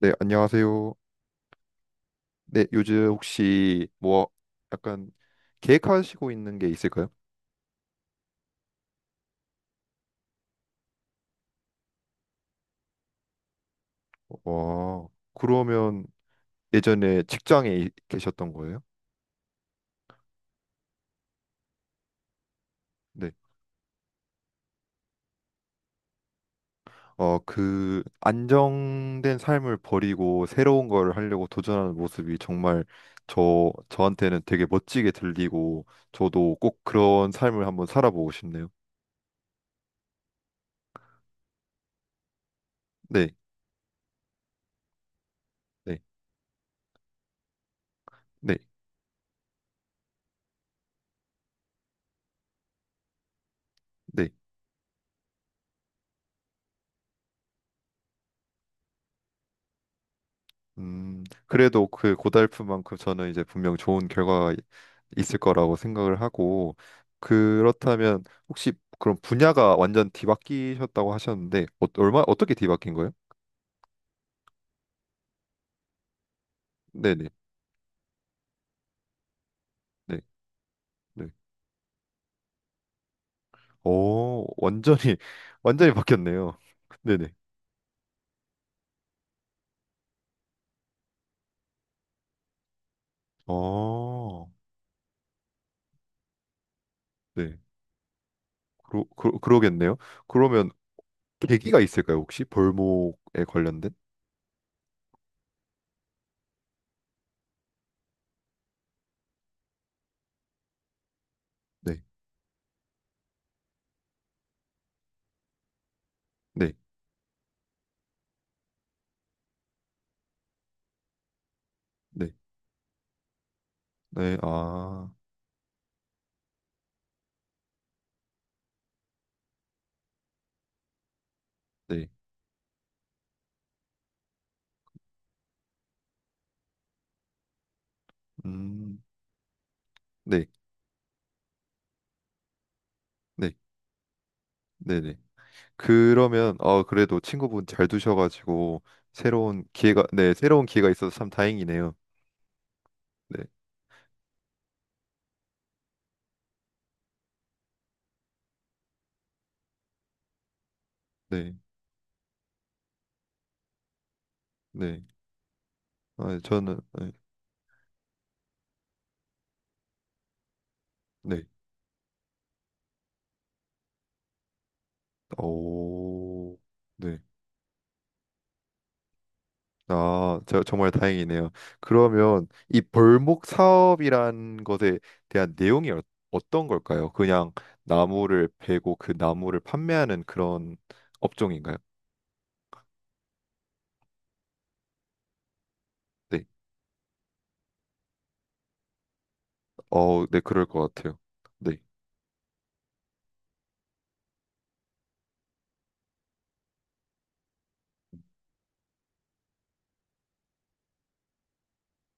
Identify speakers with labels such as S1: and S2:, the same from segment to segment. S1: 네, 안녕하세요. 네, 요즘 혹시 뭐 약간 계획하시고 있는 게 있을까요? 와, 그러면 예전에 직장에 계셨던 거예요? 네. 어, 그 안정된 삶을 버리고 새로운 걸 하려고 도전하는 모습이 정말 저한테는 되게 멋지게 들리고 저도 꼭 그런 삶을 한번 살아보고 싶네요. 네. 네. 네. 네. 그래도 그 고달프만큼 저는 이제 분명 좋은 결과가 있을 거라고 생각을 하고 그렇다면 혹시 그럼 분야가 완전 뒤바뀌셨다고 하셨는데 어, 얼마 어떻게 뒤바뀐 거예요? 네네. 네. 네. 오, 완전히 완전히 바뀌었네요. 네네. 어, 네. 그러겠네요. 그러면 계기가 있을까요, 혹시? 벌목에 관련된? 네, 네, 네, 네, 아, 네, 음, 네, 네, 네네. 그러면 어, 그래도 친구분 잘 두셔가지고 새로운 기회가 있어서 참 다행이네요. 네. 네. 네. 아, 저는 네. 네. 오. 네. 아, 저 정말 다행이네요. 그러면 이 벌목 사업이란 것에 대한 내용이 어, 어떤 걸까요? 그냥 나무를 베고 그 나무를 판매하는 그런 업종인가요? 네. 어, 네, 그럴 것 같아요. 네.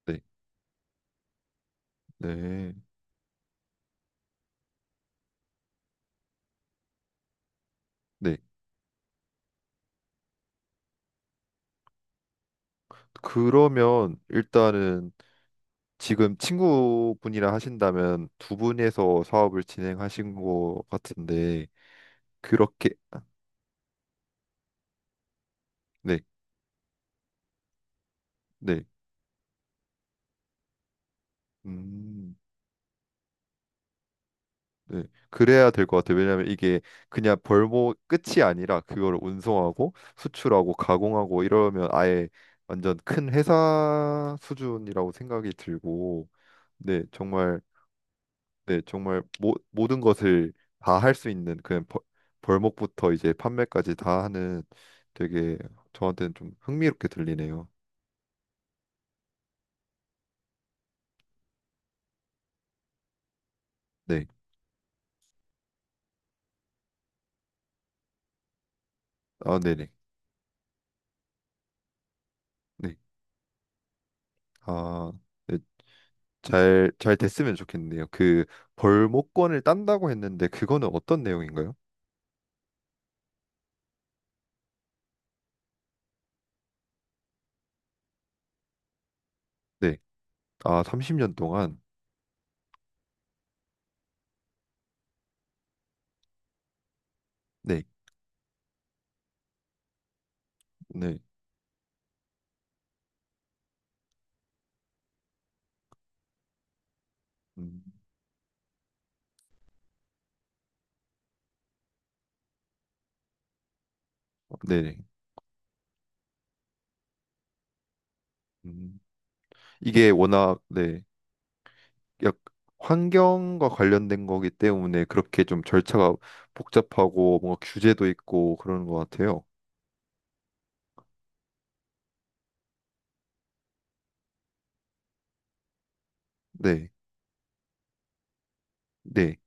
S1: 네. 네. 네. 그러면 일단은 지금 친구분이랑 하신다면 두 분에서 사업을 진행하신 것 같은데 그렇게. 네, 네. 음. 네. 그래야 될 것 같아요. 왜냐하면 이게 그냥 벌목 끝이 아니라 그걸 운송하고 수출하고 가공하고 이러면 아예 완전 큰 회사 수준이라고 생각이 들고 네, 정말 네, 정말 모든 것을 다 할 수 있는 그런 벌목부터 이제 판매까지 다 하는 되게 저한테는 좀 흥미롭게 들리네요. 네. 아, 네네. 네. 아, 네. 잘 됐으면 좋겠네요. 그 벌목권을 딴다고 했는데 그거는 어떤 내용인가요? 네. 아, 30년 동안. 네. 네. 음, 아, 네네. 음, 이게 워낙 네. 약 환경과 관련된 거기 때문에 그렇게 좀 절차가 복잡하고 뭔가 규제도 있고 그러는 것 같아요. 네, 네,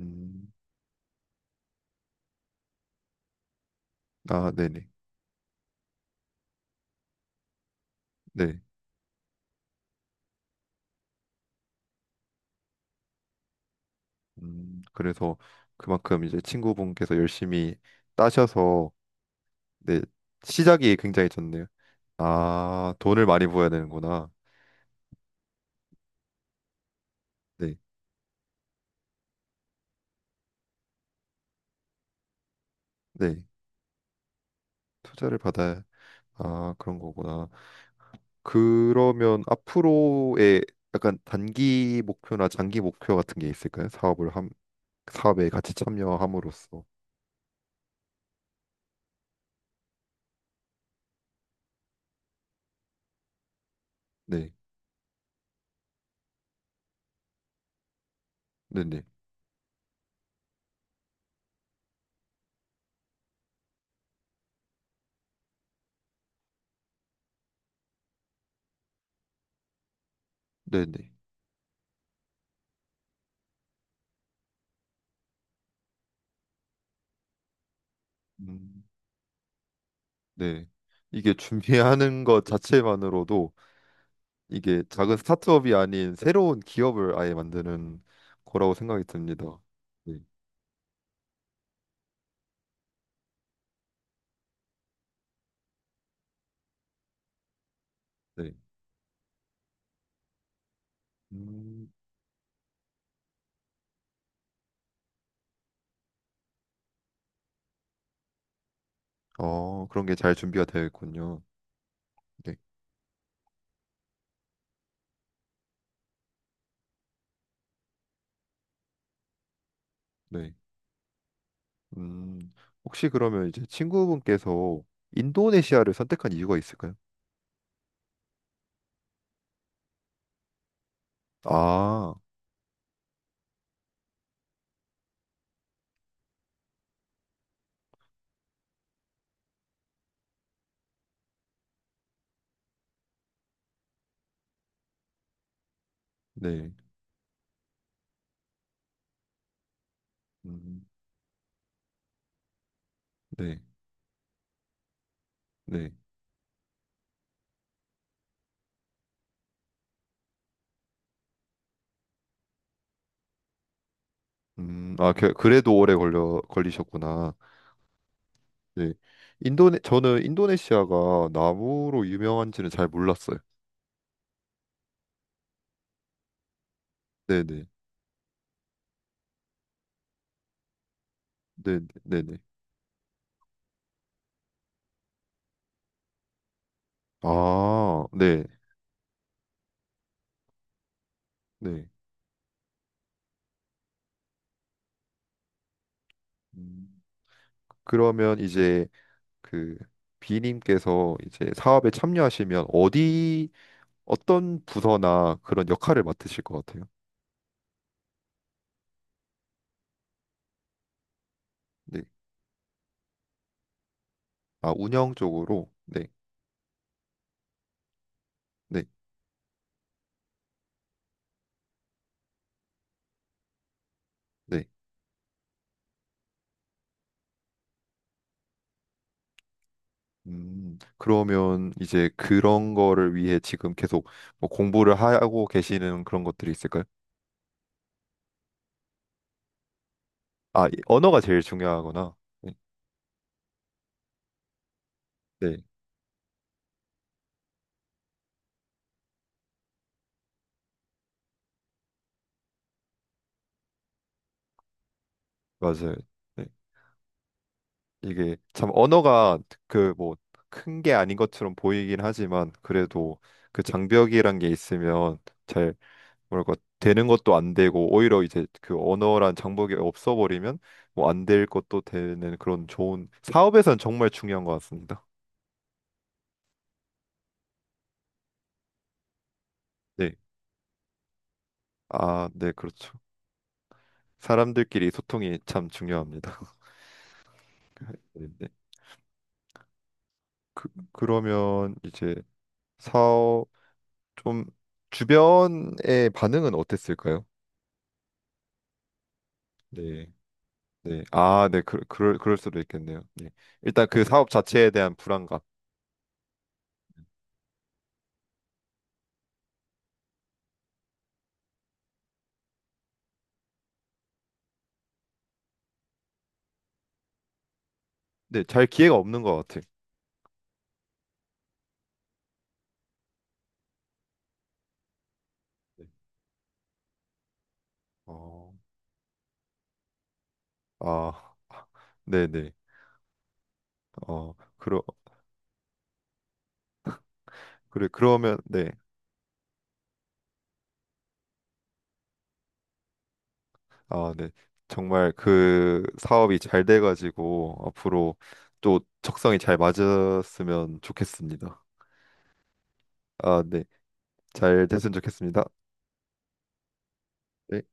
S1: 음, 아, 네네, 네, 그래서 그만큼 이제 친구분께서 열심히 따셔서 네 시작이 굉장히 좋네요. 아, 돈을 많이 부어야 되는구나. 네, 네, 투자를 받아야 아 그런 거구나. 그러면 앞으로의 약간 단기 목표나 장기 목표 같은 게 있을까요? 사업을 함 사업에 같이 참여함으로써 네, 네네, 네네, 음, 네. 이게 준비하는 것 자체만으로도 이게 작은 스타트업이 아닌 새로운 기업을 아예 만드는 거라고 생각이 듭니다. 네, 네. 음, 어, 그런 게 잘 준비가 되어 있군요. 네, 네. 음, 혹시 그러면 이제 친구분께서 인도네시아를 선택한 이유가 있을까요? 아, 네, 음, 네, 네. 아, 그래도 오래 걸려 걸리셨구나. 네. 인도네 저는 인도네시아가 나무로 유명한지는 잘 몰랐어요. 네, 네. 네, 네, 네. 아, 네. 네. 음, 그러면 이제 그 비님께서 이제 사업에 참여하시면 어디 어떤 부서나 그런 역할을 맡으실 것 같아요? 네. 아, 운영 쪽으로. 네. 네. 네. 그러면 이제 그런 거를 위해 지금 계속 뭐 공부를 하고 계시는 그런 것들이 있을까요? 아, 이 언어가 제일 중요하구나. 네, 네, 맞아요. 네, 이게 참 언어가 그 뭐 큰 게 아닌 것처럼 보이긴 하지만 그래도 그 장벽이란 게 있으면 잘 뭐랄까 되는 것도 안 되고 오히려 이제 그 언어란 장벽이 없어버리면 뭐 안 될 것도 되는 그런 좋은 사업에선 정말 중요한 것 같습니다. 네, 아, 네, 그렇죠. 사람들끼리 소통이 참 중요합니다. 네. 그러면 이제 사업 좀 주변의 반응은 어땠을까요? 네. 네. 아, 네. 그럴 수도 있겠네요. 네. 일단 그 사업 자체에 대한 불안감. 네. 잘 기회가 없는 것 같아요. 네. 어. 아. 네, 네. 어. 그러 그래 그러면 네. 아, 네. 정말 그 사업이 잘 돼 가지고 앞으로 또 적성이 잘 맞았으면 좋겠습니다. 아, 네. 잘 됐으면 좋겠습니다. 네.